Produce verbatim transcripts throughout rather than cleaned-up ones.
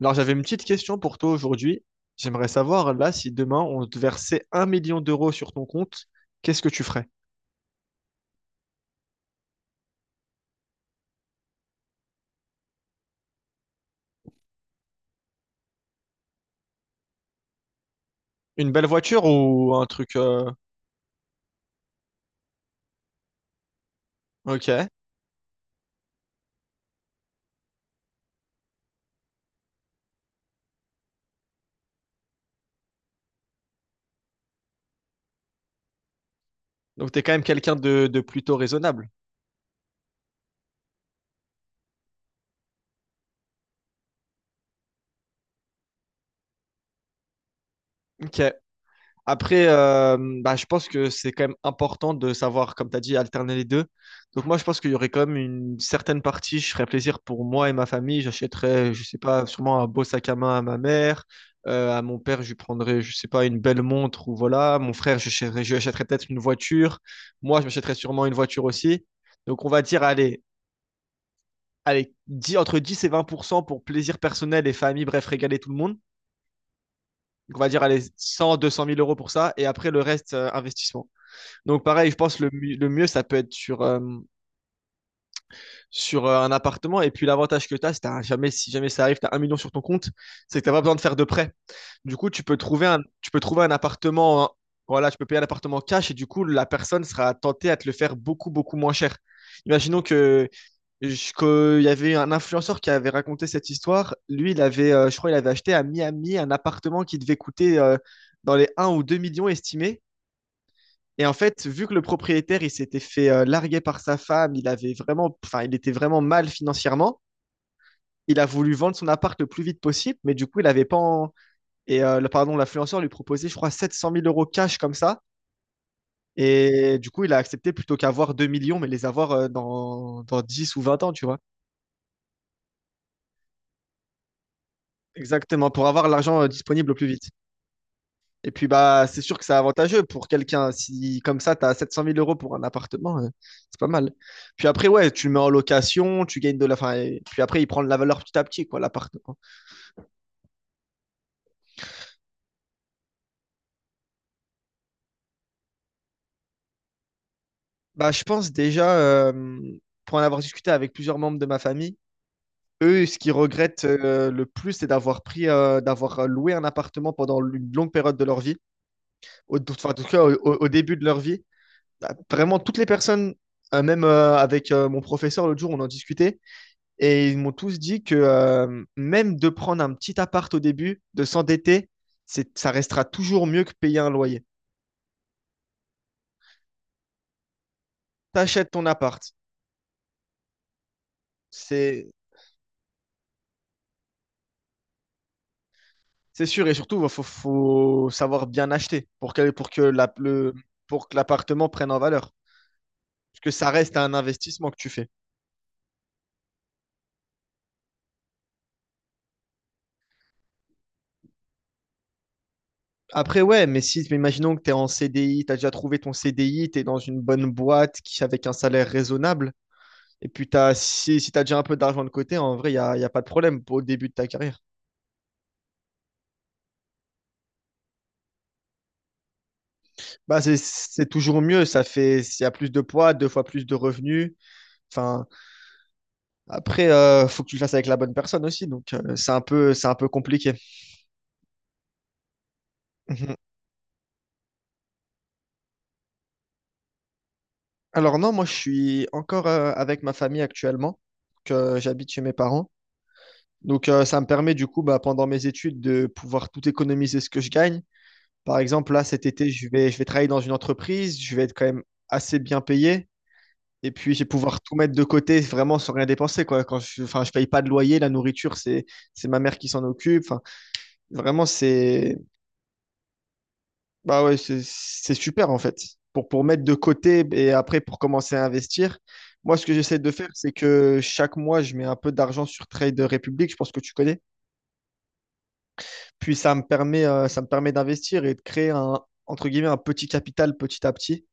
Alors, j'avais une petite question pour toi aujourd'hui. J'aimerais savoir, là, si demain on te versait un million d'euros sur ton compte, qu'est-ce que tu ferais? Une belle voiture ou un truc... euh, Ok. Donc, t'es quand même quelqu'un de, de plutôt raisonnable. Ok. Après, euh, bah, je pense que c'est quand même important de savoir, comme tu as dit, alterner les deux. Donc moi, je pense qu'il y aurait quand même une certaine partie, je ferais plaisir pour moi et ma famille. J'achèterais, je sais pas, sûrement un beau sac à main à ma mère. Euh, à mon père, je lui prendrais, je sais pas, une belle montre ou voilà. Mon frère, je achèterais, je lui achèterais peut-être une voiture. Moi, je m'achèterais sûrement une voiture aussi. Donc on va dire, allez, allez, dix entre dix et vingt pour cent pour cent pour plaisir personnel et famille, bref, régaler tout le monde. Donc on va dire, allez, cent deux cent mille euros pour ça. Et après, le reste, euh, investissement. Donc pareil, je pense le, mu- le mieux, ça peut être sur, euh, sur euh, un appartement. Et puis l'avantage que tu as, c'est que jamais, si jamais ça arrive, tu as un million sur ton compte, c'est que tu n'as pas besoin de faire de prêt. Du coup, tu peux trouver un, tu peux trouver un appartement, hein, voilà, tu peux payer un appartement cash et du coup, la personne sera tentée à te le faire beaucoup, beaucoup moins cher. Imaginons que je- que il y avait un influenceur qui avait raconté cette histoire. Lui, il avait, euh, je crois, il avait acheté à Miami un appartement qui devait coûter euh, dans les un ou deux millions estimés. Et en fait, vu que le propriétaire, il s'était fait euh, larguer par sa femme, il avait vraiment, enfin, il était vraiment mal financièrement. Il a voulu vendre son appart le plus vite possible, mais du coup, il avait pas. en- Et euh, le- pardon, l'influenceur lui proposait, je crois, sept cent mille euros cash comme ça. Et du coup, il a accepté plutôt qu'avoir deux millions, mais les avoir euh, dans, dans dix ou vingt ans, tu vois. Exactement, pour avoir l'argent euh, disponible au plus vite. Et puis, bah, c'est sûr que c'est avantageux pour quelqu'un. Si, comme ça, tu as sept cent mille euros pour un appartement, euh, c'est pas mal. Puis après, ouais, tu le mets en location, tu gagnes de la. Enfin, et puis après, il prend de la valeur petit à petit, quoi, l'appartement. Bah, je pense déjà, euh, pour en avoir discuté avec plusieurs membres de ma famille, eux, ce qu'ils regrettent euh, le plus, c'est d'avoir pris, euh, d'avoir loué un appartement pendant une longue période de leur vie, au, enfin, en tout cas au, au- au début de leur vie. Bah, Vraiment, toutes les personnes, euh, même euh, avec euh, mon professeur l'autre jour, on en discutait. Et ils m'ont tous dit que euh, même de prendre un petit appart au début, de s'endetter, c'est, ça restera toujours mieux que payer un loyer. T'achètes ton appart, c'est, c'est sûr. Et surtout, il faut, faut savoir bien acheter pour que, pour que la- le, pour que l'appartement prenne en valeur. Parce que ça reste un investissement que tu fais. Après, ouais, mais si, mais imaginons que tu es en C D I, tu as déjà trouvé ton C D I, tu es dans une bonne boîte qui, avec un salaire raisonnable, et puis t'as, si, si tu as déjà un peu d'argent de côté, en vrai, il n'y a, y a pas de problème pour, au début de ta carrière. Bah, c'est c'est toujours mieux, ça fait, s'il y a plus de poids, deux fois plus de revenus. Enfin, après, euh, faut que tu le fasses avec la bonne personne aussi, donc euh, c'est un peu, c'est un peu compliqué. Mhm. Alors non, moi je suis encore euh, avec ma famille actuellement, que j'habite chez mes parents. Donc euh, ça me permet du coup, bah, pendant mes études, de pouvoir tout économiser ce que je gagne. Par exemple, là cet été, je vais, je vais travailler dans une entreprise, je vais être quand même assez bien payé. Et puis, je vais pouvoir tout mettre de côté vraiment sans rien dépenser, quoi. Quand je, enfin, je paye pas de loyer, la nourriture, c'est, c'est ma mère qui s'en occupe. Enfin, vraiment, c'est, bah ouais, c'est, c'est super, en fait. Pour, pour mettre de côté et après pour commencer à investir. Moi, ce que j'essaie de faire, c'est que chaque mois, je mets un peu d'argent sur Trade Republic, je pense que tu connais. Puis ça me permet, euh, ça me permet d'investir et de créer un, entre guillemets, un petit capital petit à petit.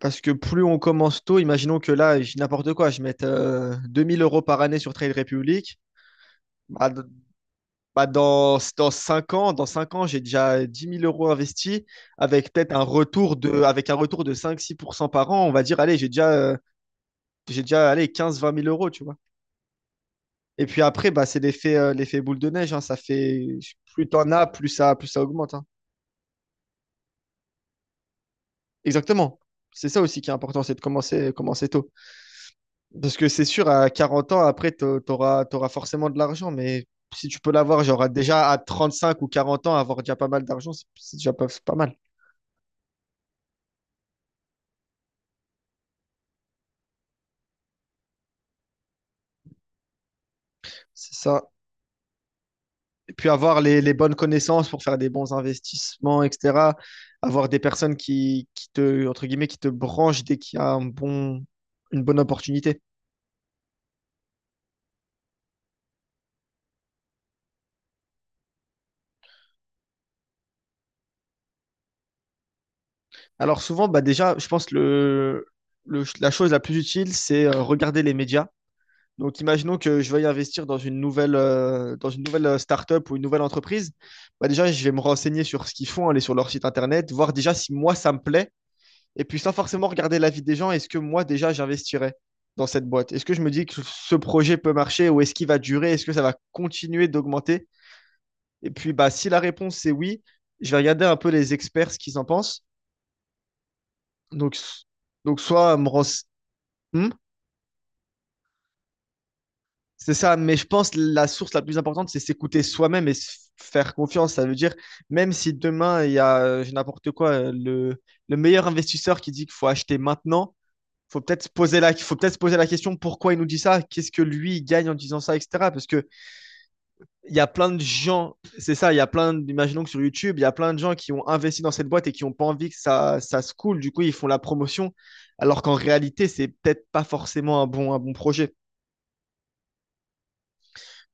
Parce que plus on commence tôt, imaginons que là, je dis n'importe quoi, je mette euh, deux mille euros par année sur Trade Republic. Bah, d- bah, dans, dans cinq ans, dans cinq ans, j'ai déjà dix mille euros investis avec peut-être un retour de, avec un retour de cinq six pour cent par an. On va dire, allez, j'ai déjà, euh, j'ai déjà allez, quinze vingt mille euros, tu vois. Et puis après, bah, c'est l'effet euh, l'effet boule de neige, hein. Ça fait, plus t'en as, plus ça, plus ça augmente, hein. Exactement. C'est ça aussi qui est important, c'est de commencer, commencer tôt. Parce que c'est sûr, à quarante ans, après, t'au- t'auras t'auras forcément de l'argent. Mais si tu peux l'avoir, genre déjà à trente cinq ou quarante ans, avoir déjà pas mal d'argent, c'est c'est déjà pas, c'est pas mal. C'est ça. Puis avoir les, les, bonnes connaissances pour faire des bons investissements, et cetera. Avoir des personnes qui, qui te, entre guillemets, qui te branchent dès qu'il y a un bon, une bonne opportunité. Alors souvent, bah déjà, je pense que le, le la chose la plus utile, c'est euh, regarder les médias. Donc, imaginons que je veuille investir dans une nouvelle, euh, dans une nouvelle euh, startup ou une nouvelle entreprise. Bah déjà, je vais me renseigner sur ce qu'ils font, aller sur leur site internet, voir déjà si moi ça me plaît. Et puis, sans forcément regarder l'avis des gens, est-ce que moi, déjà, j'investirais dans cette boîte? Est-ce que je me dis que ce projet peut marcher ou est-ce qu'il va durer? Est-ce que ça va continuer d'augmenter? Et puis, bah, si la réponse c'est oui, je vais regarder un peu les experts ce qu'ils en pensent. Donc, donc soit me rense- Hmm, c'est ça, mais je pense que la source la plus importante, c'est s'écouter soi-même et se faire confiance. Ça veut dire, même si demain, il y a, euh, n'importe quoi, euh, le, le meilleur investisseur qui dit qu'il faut acheter maintenant, faut peut-être se poser la, faut peut-être se poser la question pourquoi il nous dit ça, qu'est-ce que lui il gagne en disant ça, et cetera. Parce que il y a plein de gens, c'est ça, il y a plein, imaginons que sur YouTube, il y a plein de gens qui ont investi dans cette boîte et qui n'ont pas envie que ça, ça se coule. Du coup, ils font la promotion, alors qu'en réalité, c'est peut-être pas forcément un bon, un bon projet.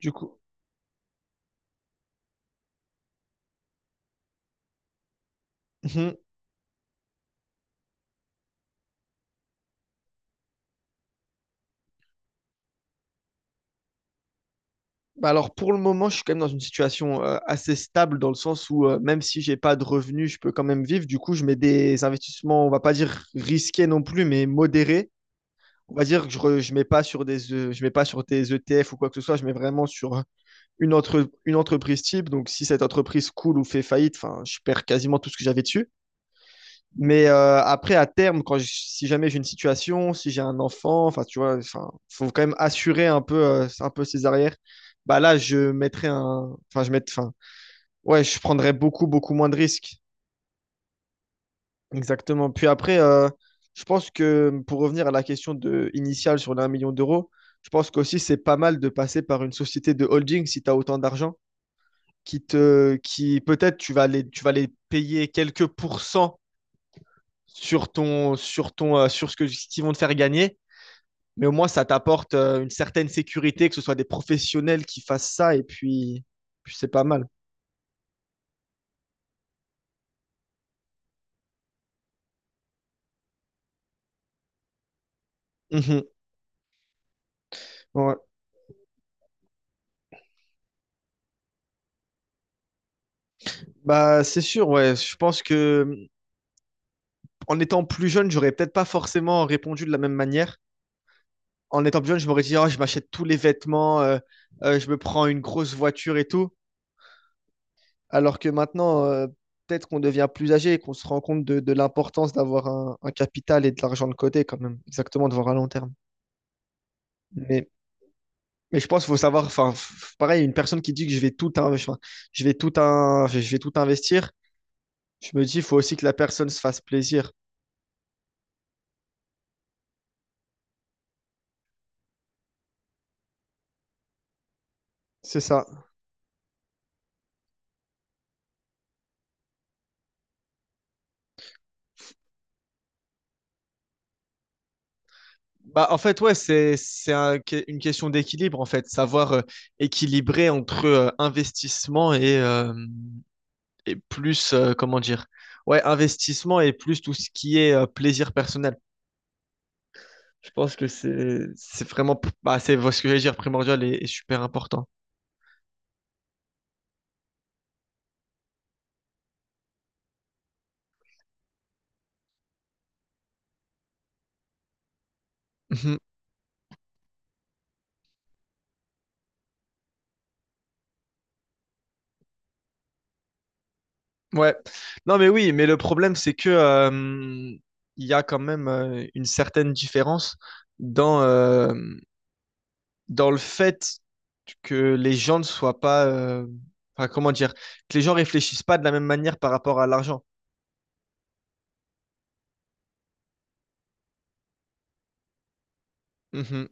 Du coup, mhm. Bah alors pour le moment, je suis quand même dans une situation euh, assez stable dans le sens où euh, même si j'ai pas de revenus, je peux quand même vivre. Du coup, je mets des investissements, on va pas dire risqués non plus, mais modérés. On va dire que je ne mets pas sur des euh, je mets pas sur tes E T F ou quoi que ce soit, je mets vraiment sur une, entre, une entreprise type. Donc si cette entreprise coule ou fait faillite, enfin, je perds quasiment tout ce que j'avais dessus. Mais euh, après, à terme, quand je- si jamais j'ai une situation, si j'ai un enfant, enfin, tu vois, enfin, faut quand même assurer un peu, euh, un peu ses arrières. Bah là, je mettrais un, enfin, je mets, enfin, ouais, je prendrais beaucoup, beaucoup moins de risques. Exactement. Puis après, euh, je pense que pour revenir à la question de, initiale sur les un million d'euros, je pense qu'aussi c'est pas mal de passer par une société de holding si tu as autant d'argent, qui te, qui peut-être tu vas les, tu vas les payer quelques pourcents sur ton, sur ton, euh, sur ce que, ce qu'ils vont te faire gagner, mais au moins ça t'apporte euh, une certaine sécurité, que ce soit des professionnels qui fassent ça, et puis, puis c'est pas mal. Mhm. Ouais. Bah, c'est sûr, ouais. Je pense que en étant plus jeune, j'aurais peut-être pas forcément répondu de la même manière. En étant plus jeune, je m'aurais dit, oh, je m'achète tous les vêtements, euh, euh, je me prends une grosse voiture et tout. Alors que maintenant, euh, peut-être qu'on devient plus âgé et qu'on se rend compte de, de l'importance d'avoir un, un capital et de l'argent de côté quand même, exactement, de voir à long terme. Mais, mais je pense qu'il faut savoir, enfin, f- pareil, une personne qui dit que je vais tout, in- enfin, je vais tout, in- je vais tout investir, je me dis, il faut aussi que la personne se fasse plaisir. C'est ça. Bah, en fait, ouais, c'est, c'est un que- une question d'équilibre, en fait, savoir euh, équilibrer entre euh, investissement et, euh, et plus, euh, comment dire, ouais, investissement et plus tout ce qui est euh, plaisir personnel. Je pense que c'est, c'est vraiment, bah, c'est ce que j'allais dire, primordial et, et super important. Mhm. Ouais. Non, mais oui, mais le problème, c'est que euh, il y a quand même euh, une certaine différence dans, euh, dans le fait que les gens ne soient pas. euh, enfin, comment dire? Que les gens réfléchissent pas de la même manière par rapport à l'argent. Mhm.